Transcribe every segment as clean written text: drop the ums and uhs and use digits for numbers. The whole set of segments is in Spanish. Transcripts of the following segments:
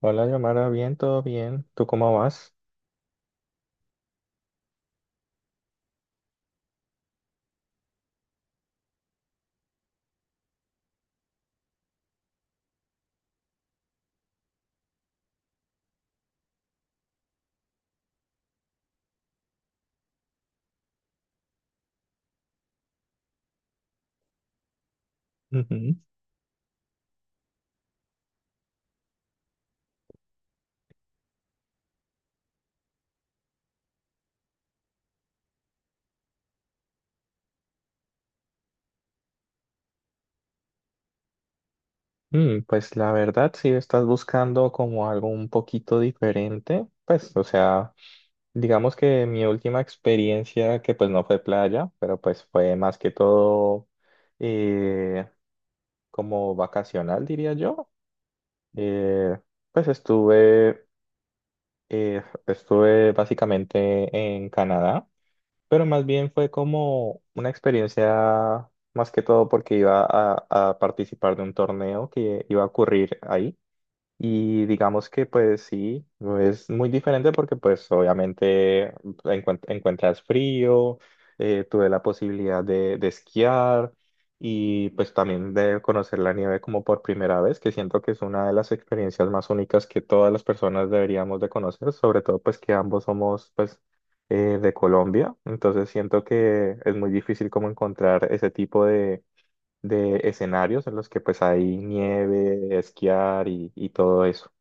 Hola, Yomara, bien, todo bien. ¿Tú cómo vas? Ujú. Pues la verdad, si estás buscando como algo un poquito diferente, pues, o sea, digamos que mi última experiencia, que pues no fue playa, pero pues fue más que todo eh, como vacacional, diría yo. Eh, pues estuve, eh, estuve básicamente en Canadá. Pero más bien fue como una experiencia más que todo porque iba a participar de un torneo que iba a ocurrir ahí. Y digamos que pues sí, es muy diferente porque pues obviamente encuentras frío, tuve la posibilidad de esquiar y pues también de conocer la nieve como por primera vez, que siento que es una de las experiencias más únicas que todas las personas deberíamos de conocer, sobre todo pues que ambos somos pues de Colombia, entonces siento que es muy difícil como encontrar ese tipo de escenarios en los que pues hay nieve, esquiar y todo eso.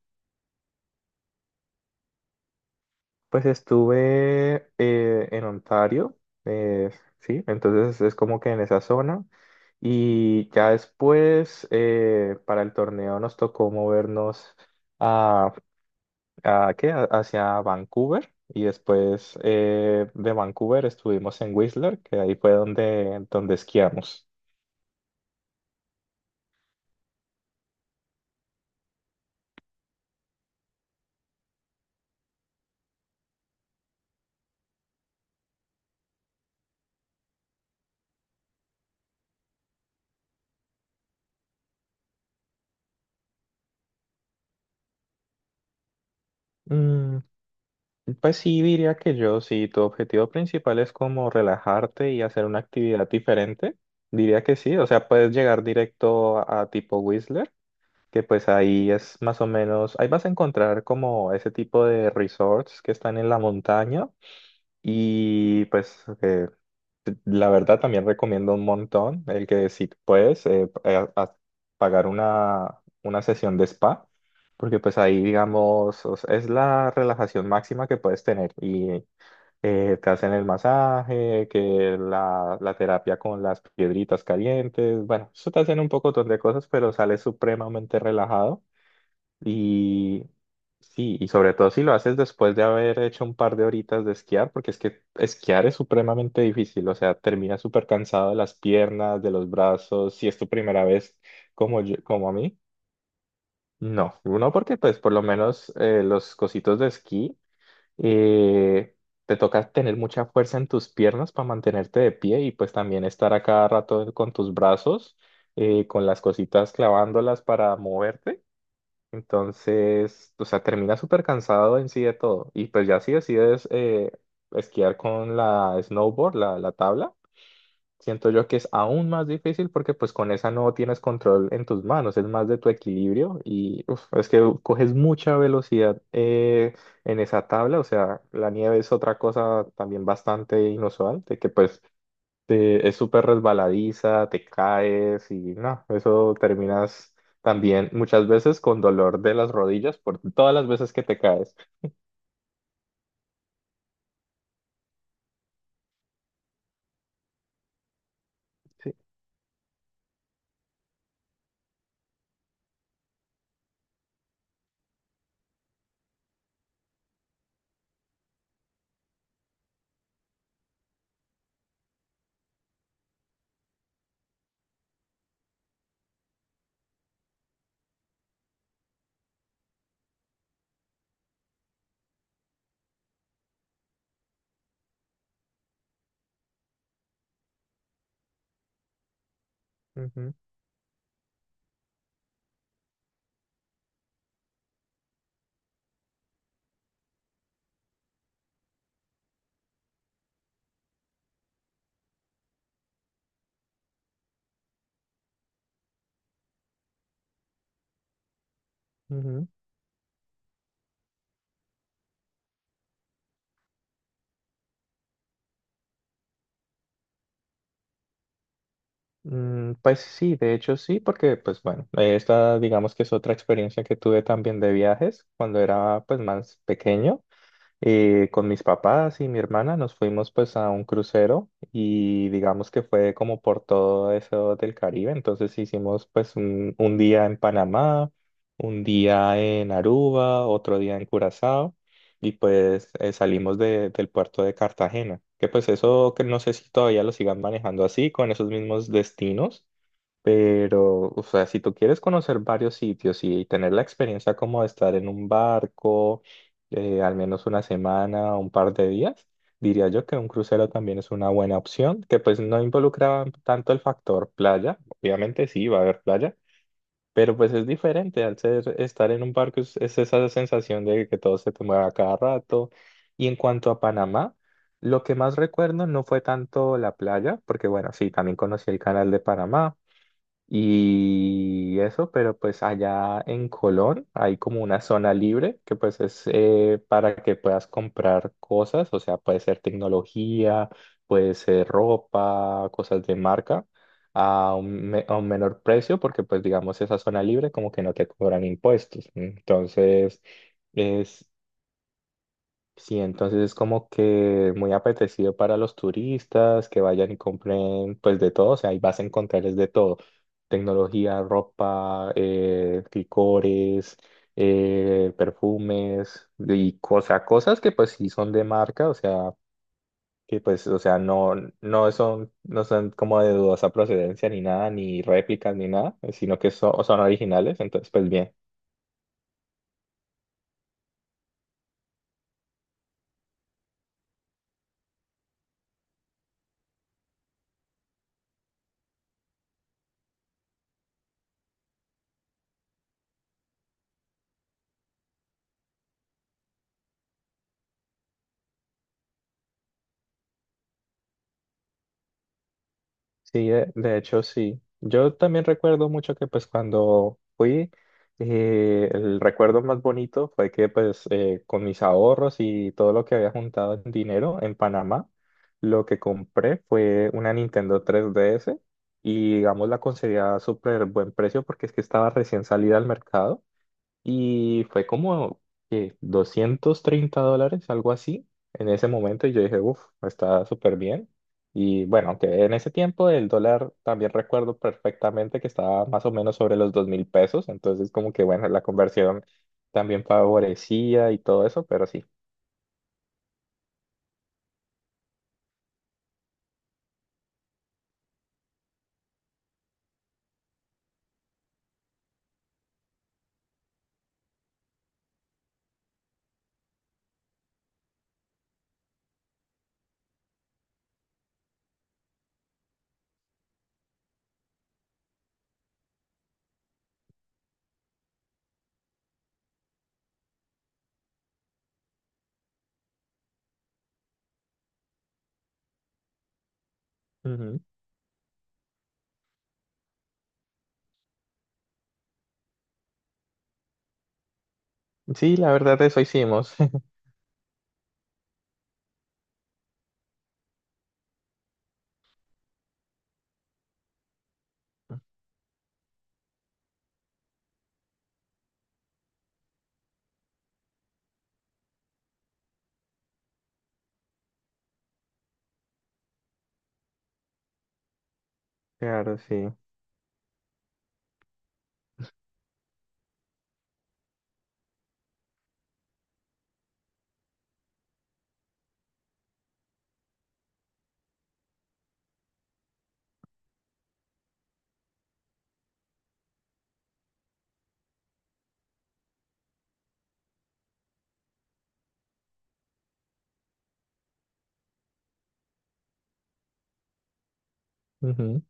Pues estuve en Ontario, eh, sí, entonces es como que en esa zona. Y ya después, para el torneo nos tocó movernos a, hacia Vancouver. Y después de Vancouver estuvimos en Whistler, que ahí fue donde esquiamos. Mm, Pues sí, diría que yo, si tu objetivo principal es como relajarte y hacer una actividad diferente, diría que sí. O sea, puedes llegar directo a tipo Whistler, que pues ahí es más o menos, ahí vas a encontrar como ese tipo de resorts que están en la montaña y pues la verdad también recomiendo un montón el que si puedes a- a- pagar una sesión de spa. Porque pues ahí, digamos, o sea, es la relajación máxima que puedes tener te hacen el masaje, que la terapia con las piedritas calientes, bueno, eso te hacen un poco de cosas, pero sales supremamente relajado y sí, y sobre todo si lo haces después de haber hecho un par de horitas de esquiar, porque es que esquiar es supremamente difícil, o sea, terminas súper cansado de las piernas, de los brazos, si es tu primera vez como a mí. No, uno porque pues por lo menos los cositos de esquí eh, te toca tener mucha fuerza en tus piernas para mantenerte de pie y pues también estar a cada rato con tus brazos, con las cositas clavándolas para moverte. Entonces, o sea, terminas súper cansado en sí de todo. Y pues ya si decides esquiar con la snowboard, la tabla. Siento yo que es aún más difícil porque pues con esa no tienes control en tus manos, es más de tu equilibrio y uf, es que coges mucha velocidad en esa tabla, o sea, la nieve es otra cosa también bastante inusual, de que pues es súper resbaladiza, te caes y no, eso terminas también muchas veces con dolor de las rodillas por todas las veces que te caes. Sí. Ujú, ujú. Pues sí, de hecho sí, porque pues bueno, esta digamos que es otra experiencia que tuve también de viajes cuando era pues más pequeño. Y con mis papás y mi hermana nos fuimos pues a un crucero y digamos que fue como por todo eso del Caribe. Entonces hicimos pues un día en Panamá, un día en Aruba, otro día en Curazao y pues salimos del puerto de Cartagena. Que pues eso que no sé si todavía lo sigan manejando así, con esos mismos destinos. Pero, o sea, si tú quieres conocer varios sitios y tener la experiencia como de estar en un barco, al menos una semana o un par de días, diría yo que un crucero también es una buena opción, que pues no involucra tanto el factor playa, obviamente sí va a haber playa, pero pues es diferente al ser estar en un barco, es esa sensación de que todo se te mueve a cada rato. Y en cuanto a Panamá, lo que más recuerdo no fue tanto la playa, porque bueno, sí, también conocí el canal de Panamá y eso, pero pues allá en Colón hay como una zona libre que pues es para que puedas comprar cosas, o sea, puede ser tecnología, puede ser ropa, cosas de marca a a un menor precio porque pues digamos esa zona libre como que no te cobran impuestos. Entonces... Sí, entonces es como que muy apetecido para los turistas que vayan y compren pues de todo, o sea, ahí vas a encontrar es de todo, tecnología, ropa, licores, perfumes y cosas que pues sí son de marca, o sea, que pues, o sea, no, no son como de dudosa procedencia ni nada, ni réplicas ni nada, sino que son, son originales, entonces pues bien. Sí, de hecho sí. Yo también recuerdo mucho que pues cuando fui, el recuerdo más bonito fue que pues con mis ahorros y todo lo que había juntado en dinero en Panamá, lo que compré fue una Nintendo 3DS y digamos la conseguí a súper buen precio porque es que estaba recién salida al mercado. Y fue como que $230, algo así, en ese momento. Y yo dije, uff, está súper bien. Y bueno, aunque en ese tiempo el dólar también recuerdo perfectamente que estaba más o menos sobre los 2.000 pesos. Entonces, como que bueno, la conversión también favorecía y todo eso, pero sí. Ujú. Sí, la verdad, eso hicimos. Claro, sí. Ujú.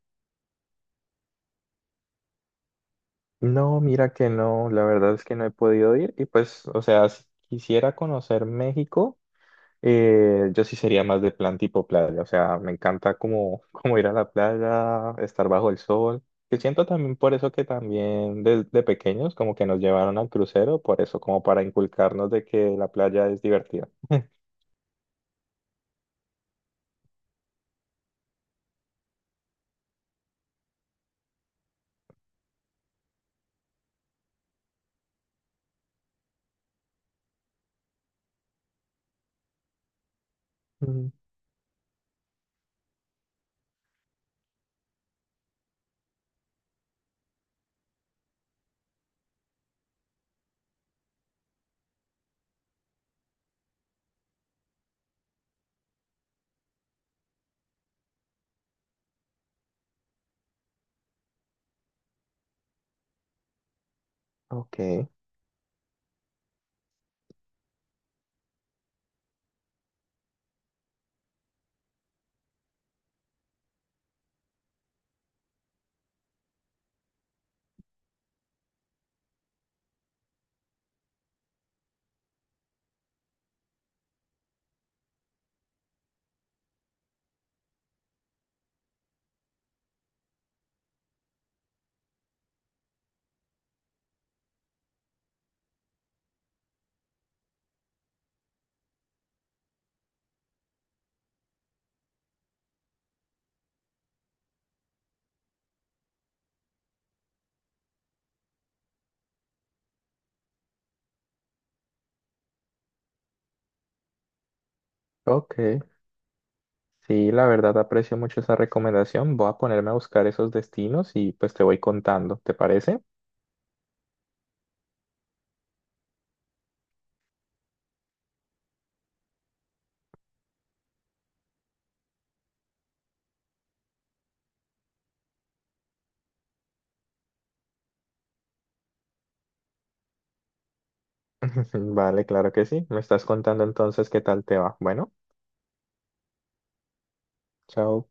No, mira que no, la verdad es que no he podido ir. Y pues, o sea, si quisiera conocer México. Yo sí sería más de plan tipo playa, o sea, me encanta como, como ir a la playa, estar bajo el sol, que siento también por eso que también desde pequeños como que nos llevaron al crucero, por eso como para inculcarnos de que la playa es divertida. Mm, ok, ok, sí, la verdad aprecio mucho esa recomendación, voy a ponerme a buscar esos destinos y pues te voy contando, ¿te parece? Vale, claro que sí, me estás contando entonces qué tal te va. Bueno, chao.